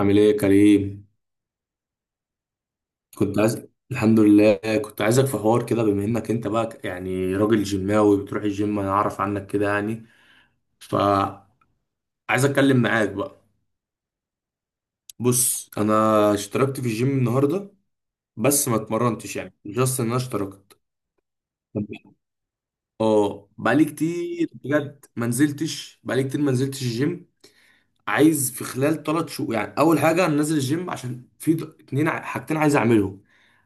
عامل ايه يا كريم؟ كنت عايز، الحمد لله. كنت عايزك في حوار كده، بما انك انت بقى يعني راجل جيماوي بتروح الجيم، انا اعرف عنك كده يعني. فعايز اتكلم معاك بقى. بص انا اشتركت في الجيم النهارده، بس ما اتمرنتش يعني جاست ان انا اشتركت. اه، بقالي كتير بجد ما نزلتش، بقالي كتير ما نزلتش الجيم. عايز في خلال 3 شهور يعني، اول حاجه انا نازل الجيم عشان في اتنين حاجتين عايز اعملهم.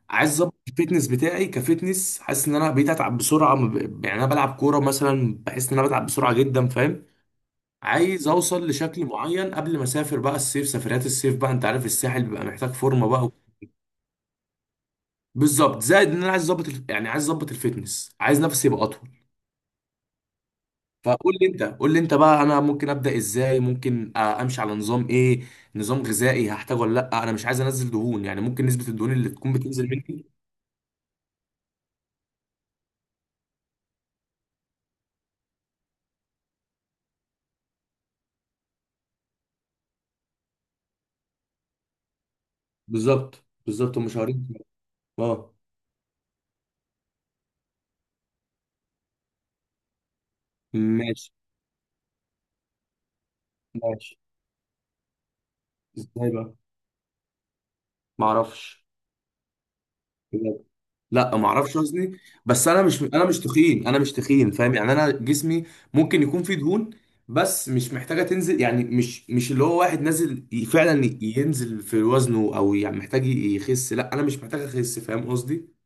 عايز اظبط الفيتنس بتاعي، كفيتنس حاسس ان انا بقيت اتعب بسرعه، ما ب- يعني انا بلعب كوره مثلا، بحس ان انا بتعب بسرعه جدا، فاهم؟ عايز اوصل لشكل معين قبل ما اسافر بقى الصيف، سفريات الصيف بقى انت عارف الساحل بيبقى محتاج فورمه بقى. بالظبط، زائد ان انا عايز اظبط يعني عايز اظبط الفيتنس، عايز نفسي يبقى اطول. فقول لي انت، قول لي انت بقى انا ممكن ابدا ازاي، ممكن امشي على نظام ايه؟ نظام غذائي هحتاجه ولا لا؟ انا مش عايز انزل دهون يعني، ممكن نسبه الدهون اللي تكون بتنزل مني. بالظبط بالظبط، هم شهرين. اه. ماشي. ماشي ازاي بقى؟ ما اعرفش بجد. لا، ما اعرفش وزني. بس انا مش تخين، انا مش تخين، فاهم؟ يعني انا جسمي ممكن يكون فيه دهون، بس مش محتاجه تنزل. يعني مش اللي هو واحد نازل فعلا ينزل في وزنه، او يعني محتاج يخس. لا، انا مش محتاج اخس، فاهم قصدي؟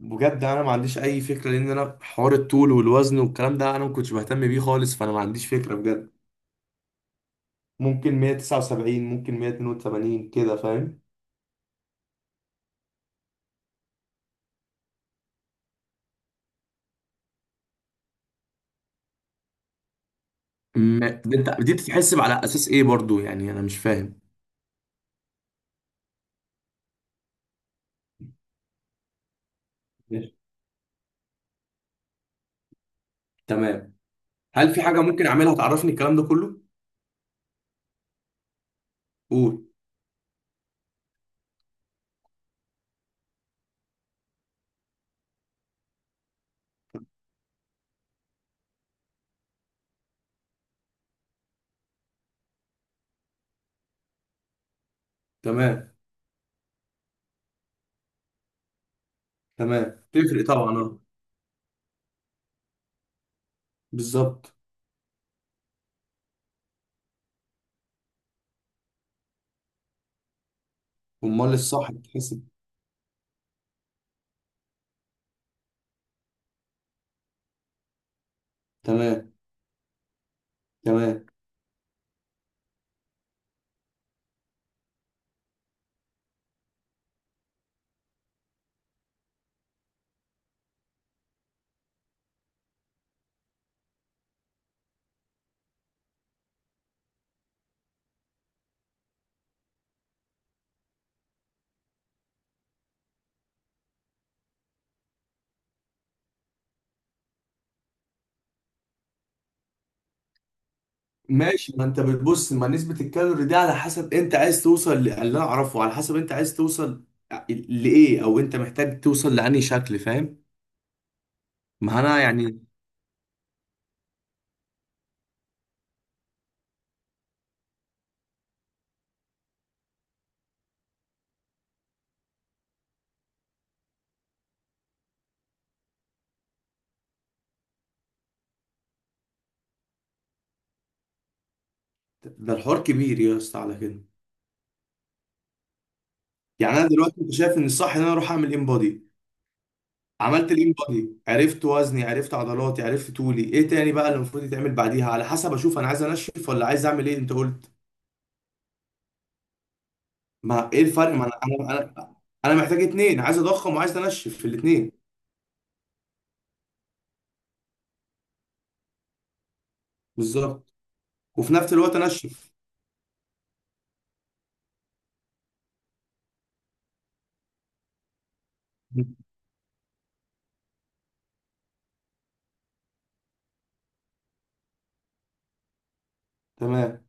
بجد انا ما عنديش اي فكره، لان انا حوار الطول والوزن والكلام ده انا ما كنتش بهتم بيه خالص، فانا ما عنديش فكره بجد. ممكن 179، ممكن 182 كده، فاهم؟ ده انت دي بتتحسب على اساس ايه برضو؟ يعني انا مش فاهم. ماشي. تمام. هل في حاجة ممكن أعملها تعرفني الكلام ده كله؟ قول. تمام. تمام، تفرق طبعا، أه. بالظبط. أمال الصح بتحسب؟ تمام. تمام. ماشي، ما أنت بتبص ما نسبة الكالوري دي على حسب أنت عايز توصل اللي أنا أعرفه، على حسب أنت عايز توصل لإيه أو أنت محتاج توصل لأنهي شكل، فاهم؟ ما أنا يعني. ده الحوار كبير يا اسطى على كده. يعني أنا دلوقتي أنت شايف إن الصح إن أنا أروح أعمل إن عملت لين بادي، عرفت وزني، عرفت عضلاتي، عرفت طولي، ايه تاني بقى اللي المفروض يتعمل بعديها على حسب اشوف انا عايز انشف ولا عايز اعمل ايه، انت قلت. ما ايه الفرق ما انا. انا انا انا محتاج اتنين، عايز اضخم وعايز انشف في الاتنين. بالظبط. وفي نفس الوقت انشف. تمام.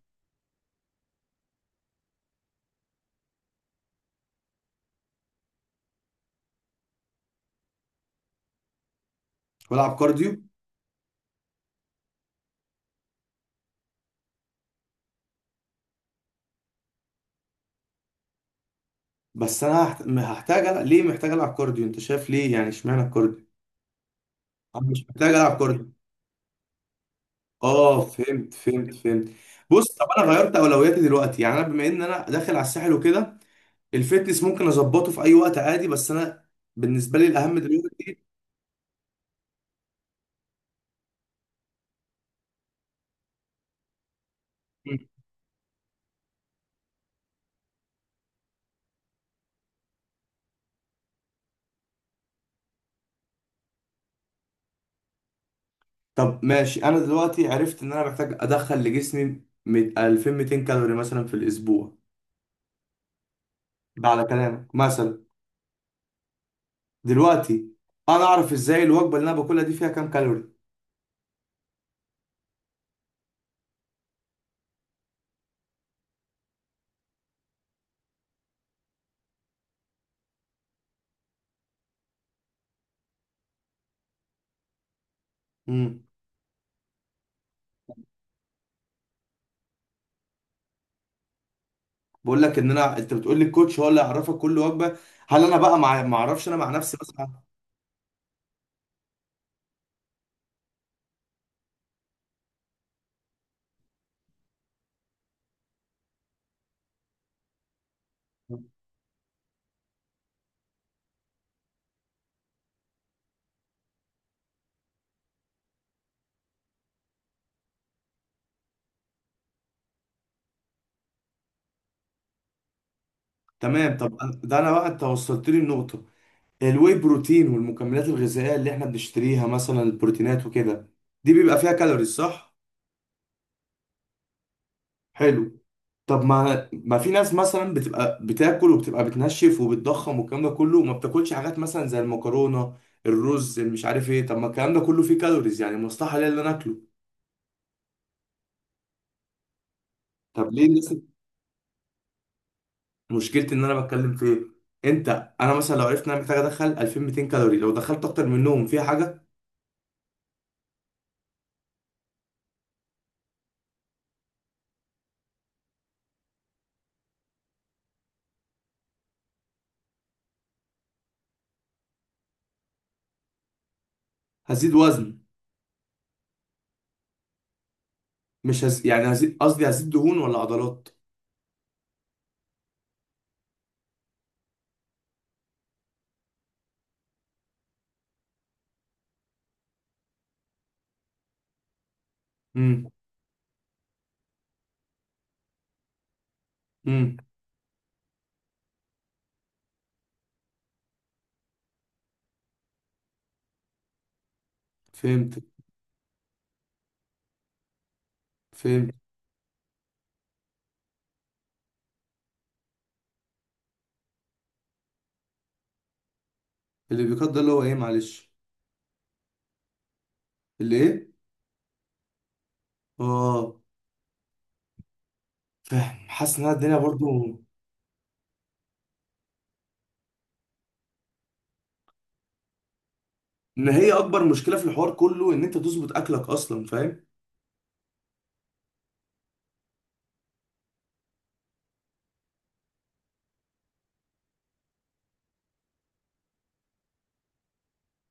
والعب كارديو. بس انا هحتاج ألعب. ليه محتاج العب كارديو؟ انت شايف ليه يعني اشمعنى الكارديو؟ انا مش محتاج العب كارديو. اه، فهمت فهمت فهمت. بص طب انا غيرت اولوياتي دلوقتي يعني، انا بما ان انا داخل على الساحل وكده الفتنس ممكن اظبطه في اي وقت عادي، بس انا بالنسبه لي الاهم دلوقتي. مم. طب ماشي، انا دلوقتي عرفت ان انا محتاج ادخل لجسمي 2200 كالوري مثلا في الاسبوع، ده على كلامك مثلا. دلوقتي انا اعرف ازاي الوجبه اللي انا باكلها دي فيها كام كالوري؟ امم. بقول لك ان انت بتقول لي الكوتش هو اللي يعرفك كل وجبه. هل انا بقى مع ما اعرفش انا مع نفسي مثلا؟ تمام. طب ده انا بقى انت وصلت لي النقطه. الواي بروتين والمكملات الغذائية اللي احنا بنشتريها مثلا، البروتينات وكده، دي بيبقى فيها كالوريز صح؟ حلو. طب ما في ناس مثلا بتبقى بتاكل وبتبقى بتنشف وبتضخم والكلام ده كله، وما بتاكلش حاجات مثلا زي المكرونة، الرز، المش عارف ايه. طب ما الكلام ده كله فيه كالوريز، يعني مستحيل ليا ان انا اكله. طب ليه الناس؟ مشكلتي ان انا بتكلم في ايه؟ انت. انا مثلا لو عرفت ان انا محتاج ادخل 2200 كالوري، لو دخلت اكتر منهم فيها حاجة؟ هزيد وزن. مش هز... يعني هزيد، قصدي هزيد دهون ولا عضلات؟ امم. فهمت فهمت. اللي بيقدر ده اللي هو ايه، معلش؟ اللي ايه؟ اه. فاهم حاسس ان أنا الدنيا برضو. ان هي اكبر مشكله في الحوار كله ان انت تظبط اكلك اصلا، فاهم.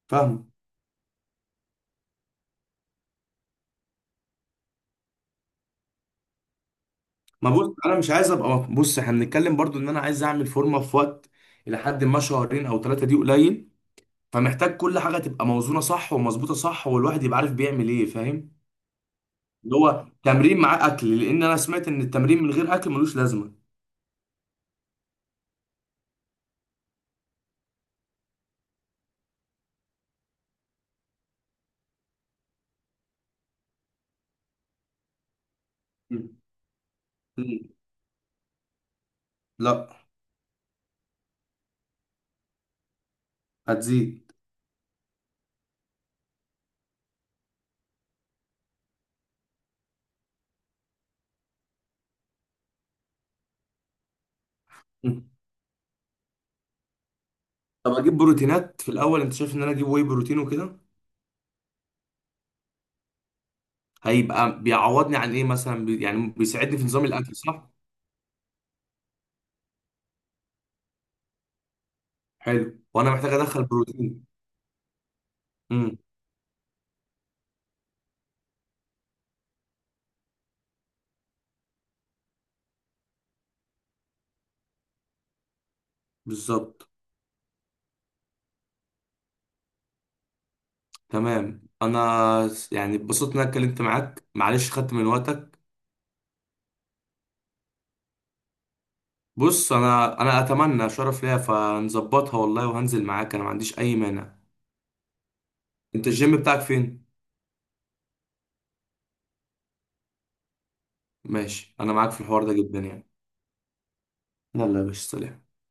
فاهم. ما بص، انا مش عايز ابقى، بص احنا بنتكلم برضو ان انا عايز اعمل فورمه في وقت، الى حد ما شهرين او ثلاثه دي قليل، فمحتاج كل حاجه تبقى موزونه صح ومظبوطه صح، والواحد يبقى عارف بيعمل ايه، فاهم. اللي هو تمرين مع اكل، لان انا سمعت ان التمرين من غير اكل ملوش لازمه. م. م. لا. هتزيد. طب اجيب بروتينات في الاول؟ انت شايف ان انا اجيب واي بروتين وكده؟ هيبقى بيعوضني عن ايه مثلا، يعني بيساعدني في نظام الاكل، صح؟ حلو. وانا محتاج ادخل بروتين. امم. بالظبط. تمام، انا يعني اتبسطت ان انا اتكلمت معاك، معلش خدت من وقتك. بص انا اتمنى شرف ليا، فنظبطها والله وهنزل معاك، انا ما عنديش اي مانع. انت الجيم بتاعك فين؟ ماشي. انا معاك في الحوار ده جدا يعني. يلا يا باشا، سلام.